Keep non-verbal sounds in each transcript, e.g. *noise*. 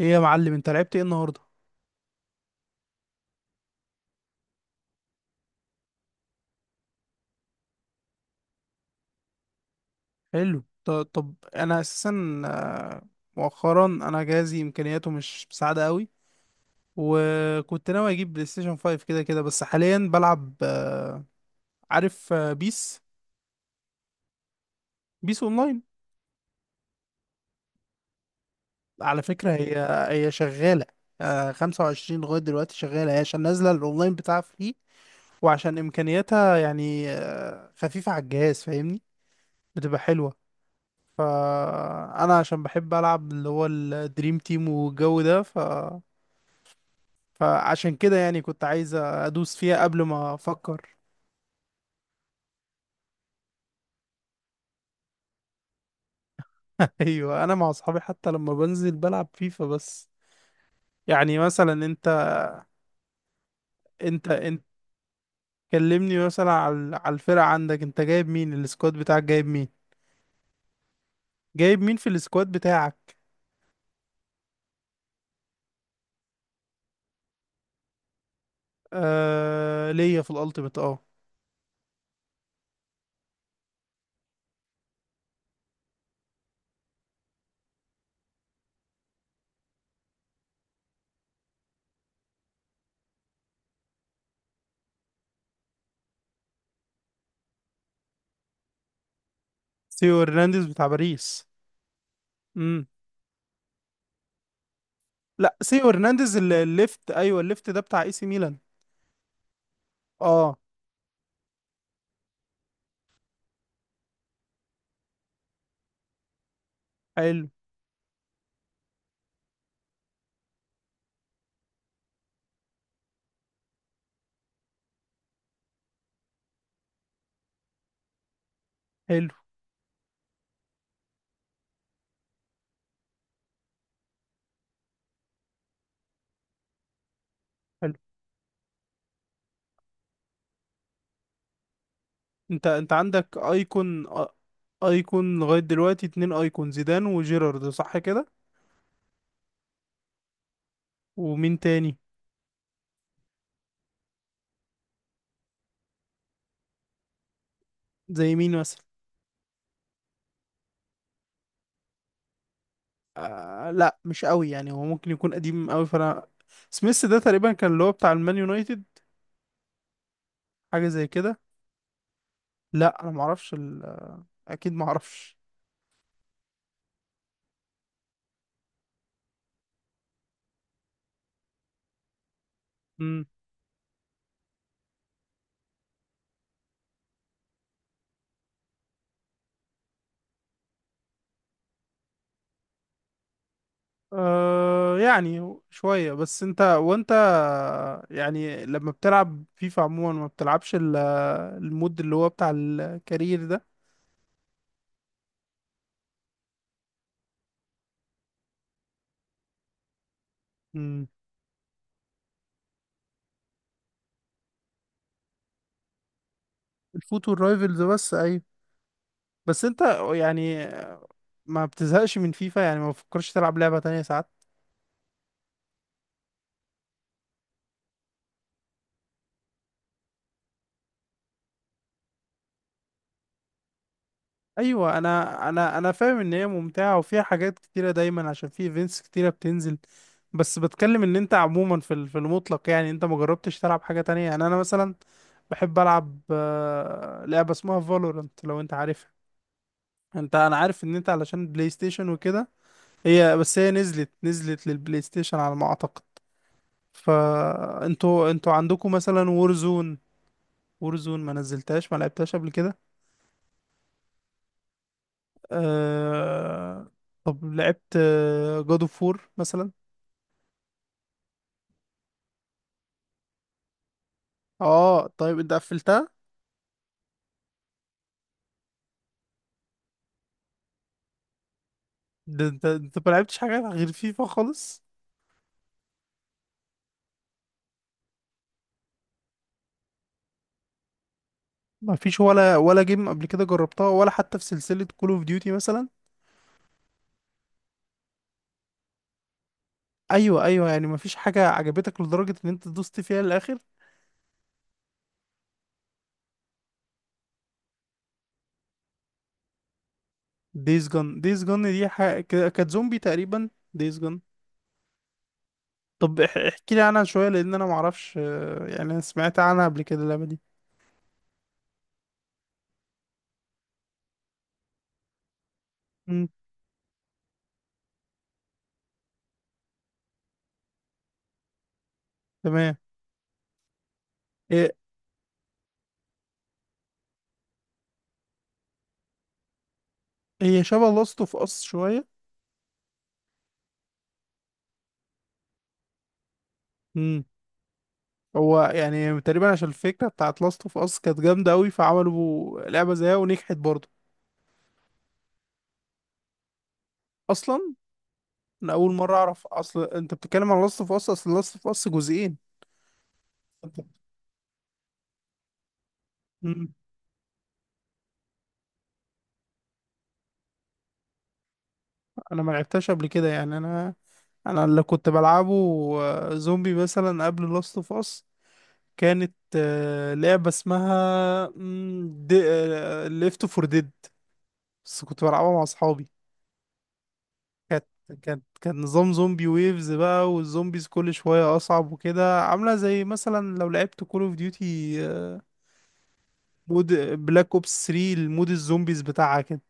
ايه يا معلم، انت لعبت ايه النهارده؟ حلو. طب انا اساسا مؤخرا انا جهازي امكانياته مش مساعده قوي، وكنت ناوي اجيب بلاي ستيشن 5 كده كده. بس حاليا بلعب عارف، بيس اونلاين على فكره. هي شغاله. 25 لغايه دلوقتي شغاله هي، عشان نازله الاونلاين بتاعها فري، وعشان امكانياتها يعني خفيفه على الجهاز، فاهمني؟ بتبقى حلوه. فانا عشان بحب العب اللي هو الدريم تيم والجو ده، فعشان كده يعني كنت عايز ادوس فيها قبل ما افكر. *laughs* ايوه، انا مع اصحابي حتى لما بنزل بلعب فيفا بس. يعني مثلا انت. انت كلمني مثلا على الفرقة عندك، انت جايب مين؟ السكواد بتاعك جايب مين في السكواد بتاعك؟ آه، ليا في الالتيميت، اه. سيو هرنانديز بتاع باريس؟ امم. لا، سيو هرنانديز الليفت، ايوه الليفت، ده بتاع اي سي ميلان. اه. حلو، حلو، حلو. انت عندك ايكون؟ ايكون لغاية دلوقتي اتنين، ايكون زيدان وجيرارد، صح كده؟ ومين تاني؟ زي مين مثلا؟ لا، مش قوي يعني، هو ممكن يكون قديم قوي. فانا سميث ده تقريبا كان اللي هو بتاع المان يونايتد، حاجة زي كده. لا، انا معرفش اكيد معرفش. امم. يعني شوية. بس انت، يعني لما بتلعب فيفا عموما ما بتلعبش المود اللي هو بتاع الكارير ده؟ امم. الفوتو الرايفلز بس، ايوه. بس انت يعني، ما بتزهقش من فيفا؟ يعني ما بتفكرش تلعب لعبة تانية ساعات؟ ايوه، انا فاهم ان هي ممتعة وفيها حاجات كتيرة دايما، عشان في ايفنتس كتيرة بتنزل. بس بتكلم ان انت عموما في في المطلق يعني انت ما جربتش تلعب حاجة تانية. يعني انا مثلا بحب العب لعبة اسمها فالورانت، لو انت عارفها. انت، انا عارف ان انت علشان بلاي ستيشن وكده. هي بس هي نزلت للبلاي ستيشن على ما اعتقد. انتوا عندكم مثلا وورزون. وورزون ما نزلتهاش، ما لعبتهاش قبل كده. أه... طب لعبت جود اوف وور مثلا؟ اه، طيب انت قفلتها؟ ده انت، ما لعبتش حاجه غير فيفا خالص. ما فيش ولا جيم قبل كده جربتها، ولا حتى في سلسله كول اوف ديوتي مثلا؟ ايوه، ايوه، يعني ما فيش حاجه عجبتك لدرجه ان انت دوست فيها للاخر. دايز جون؟ دايز جون دي حاجه كانت زومبي تقريبا، دايز جون. طب احكي لي عنها شويه، لان انا ما اعرفش، يعني انا سمعت عنها قبل كده اللعبه دي. مم. تمام. إيه. هي شبه لاست اوف اس شويه؟ امم. هو يعني تقريبا عشان الفكره بتاعت لاست اوف اس كانت جامده قوي، فعملوا لعبه زيها ونجحت برضه. اصلا؟ انا اول مره اعرف، اصل انت بتتكلم عن لاست اوف اس. اصل لاست اوف اس جزئين. امم. انا ما لعبتهاش قبل كده يعني. انا اللي كنت بلعبه زومبي مثلا قبل لاست اوف اس كانت لعبه اسمها ليفت فور ديد، بس كنت بلعبها مع اصحابي. كانت كانت كان نظام زومبي ويفز بقى، والزومبيز كل شوية أصعب وكده، عاملة زي مثلا لو لعبت كول اوف ديوتي مود، بلاك اوبس 3، المود الزومبيز بتاعها كده،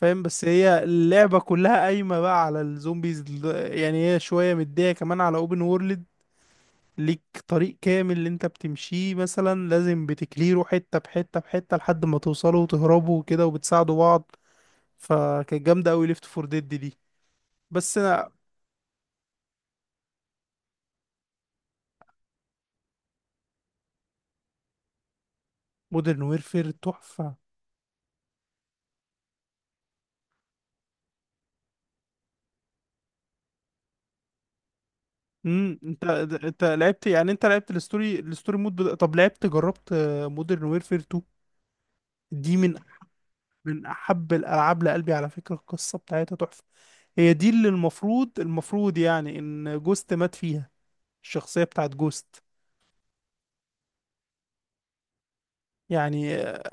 فاهم؟ بس هي اللعبة كلها قايمة بقى على الزومبيز يعني هي شوية مدية كمان على اوبن وورلد. ليك طريق كامل اللي انت بتمشيه مثلا، لازم بتكليره حتة بحتة بحتة لحد ما توصلوا وتهربوا وكده، وبتساعدوا بعض. فكانت جامدة أوي ليفت فور ديد دي. بس أنا، مودرن ويرفير تحفة. امم. انت لعبت، يعني انت لعبت الستوري، مود طب لعبت، جربت مودرن ويرفير 2؟ دي من احب الالعاب لقلبي. على فكره القصه بتاعتها تحفه. هي دي اللي المفروض يعني ان جوست مات فيها، الشخصيه بتاعت جوست. يعني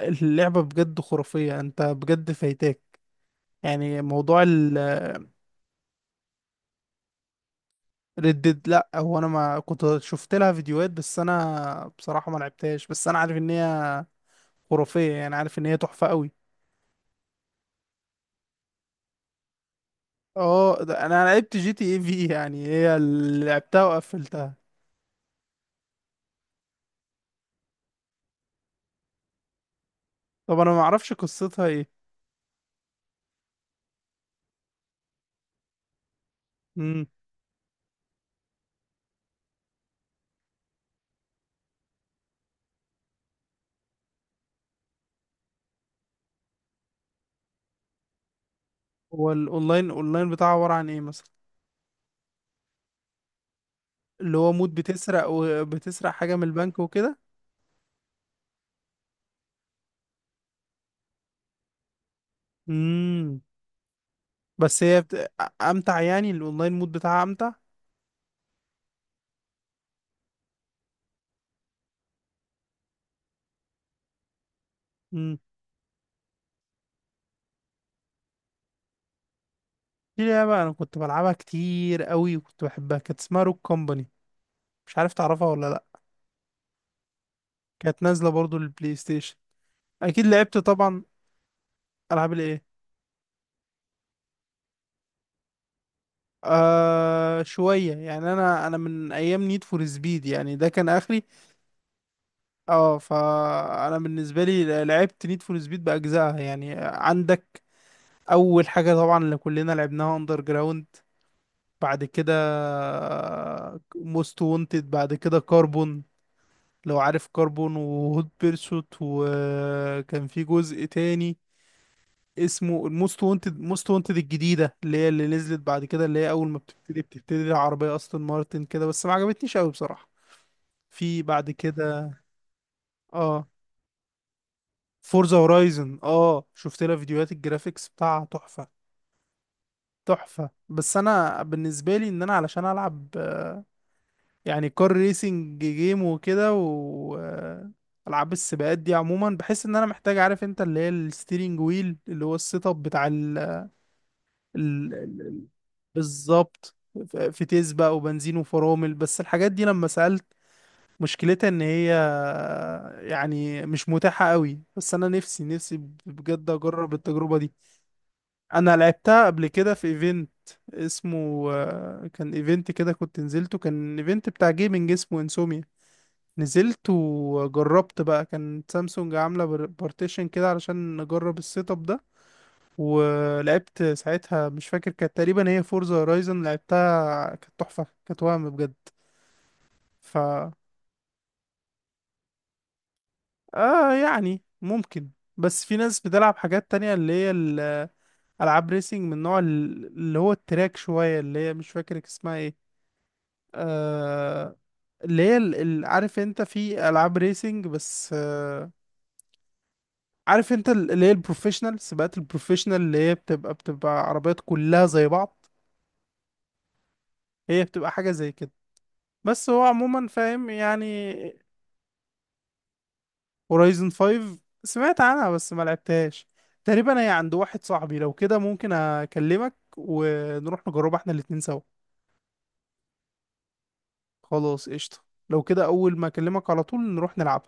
اللعبه بجد خرافيه، انت بجد فايتاك، يعني موضوع. لا، هو انا ما كنت شفت لها فيديوهات، بس انا بصراحه ما لعبتهاش. بس انا عارف ان هي خرافيه، يعني عارف ان هي تحفه قوي. اه، ده انا لعبت جي تي اي في، يعني هي اللي لعبتها وقفلتها. طب انا ما اعرفش قصتها ايه. امم. هو الاونلاين، بتاعها عبارة عن ايه مثلا؟ اللي هو مود بتسرق، وبتسرق حاجة من البنك وكده؟ امم. بس هي امتع يعني الاونلاين مود بتاعها امتع؟ امم. في لعبة انا كنت بلعبها كتير قوي وكنت بحبها، كانت اسمها روك كومباني، مش عارف تعرفها ولا لا. كانت نازلة برضو للبلاي ستيشن، اكيد لعبت طبعا. العاب الايه؟ آه شوية، يعني أنا من أيام نيد فور سبيد، يعني ده كان آخري. أه، فأنا بالنسبة لي لعبت نيد فور سبيد بأجزائها، يعني عندك أول حاجة طبعا اللي كلنا لعبناها أندر جراوند، بعد كده موست وونتد، بعد كده كاربون، لو عارف كاربون وهوت بيرسوت. وكان في جزء تاني اسمه الموست وونتد، موست وونتد الجديده اللي هي اللي نزلت بعد كده، اللي هي اول ما بتبتدي العربيه اصلا مارتن كده، بس ما عجبتنيش قوي بصراحه. في بعد كده، اه، فورزا هورايزن. اه، شفت لها فيديوهات، الجرافيكس بتاعها تحفة، تحفة. بس انا بالنسبة لي، ان انا علشان العب يعني كار ريسنج جيم وكده، و آه، العاب السباقات دي عموما، بحس ان انا محتاج، عارف انت، اللي هي الستيرنج ويل، اللي هو السيت اب بتاع ال- ال- بالظبط، فتيس بقى وبنزين وفرامل. بس الحاجات دي لما سألت، مشكلتها ان هي يعني مش متاحة قوي. بس انا نفسي، نفسي بجد اجرب التجربة دي. انا لعبتها قبل كده في ايفنت اسمه، كان ايفنت كده كنت نزلته، كان ايفنت بتاع جيمنج اسمه انسوميا. نزلت وجربت بقى، كان سامسونج عاملة بارتيشن كده علشان نجرب السيت اب ده. ولعبت ساعتها، مش فاكر، كانت تقريبا هي فورزا هورايزن لعبتها، كانت تحفة، كانت وهم بجد. ف، اه، يعني ممكن. بس في ناس بتلعب حاجات تانية اللي هي ألعاب ريسنج من نوع اللي هو التراك شوية، اللي هي مش فاكر اسمها ايه. آه، اللي هي عارف انت في ألعاب ريسنج، بس آه، عارف انت اللي هي البروفيشنال، سباقات البروفيشنال، اللي هي بتبقى عربيات كلها زي بعض. هي بتبقى حاجة زي كده، بس هو عموما فاهم يعني. هورايزن 5، سمعت عنها بس ما لعبتهاش. تقريبا هي عند واحد صاحبي، لو كده ممكن اكلمك ونروح نجربها احنا الاتنين سوا. خلاص، قشطة. لو كده اول ما اكلمك على طول نروح نلعب.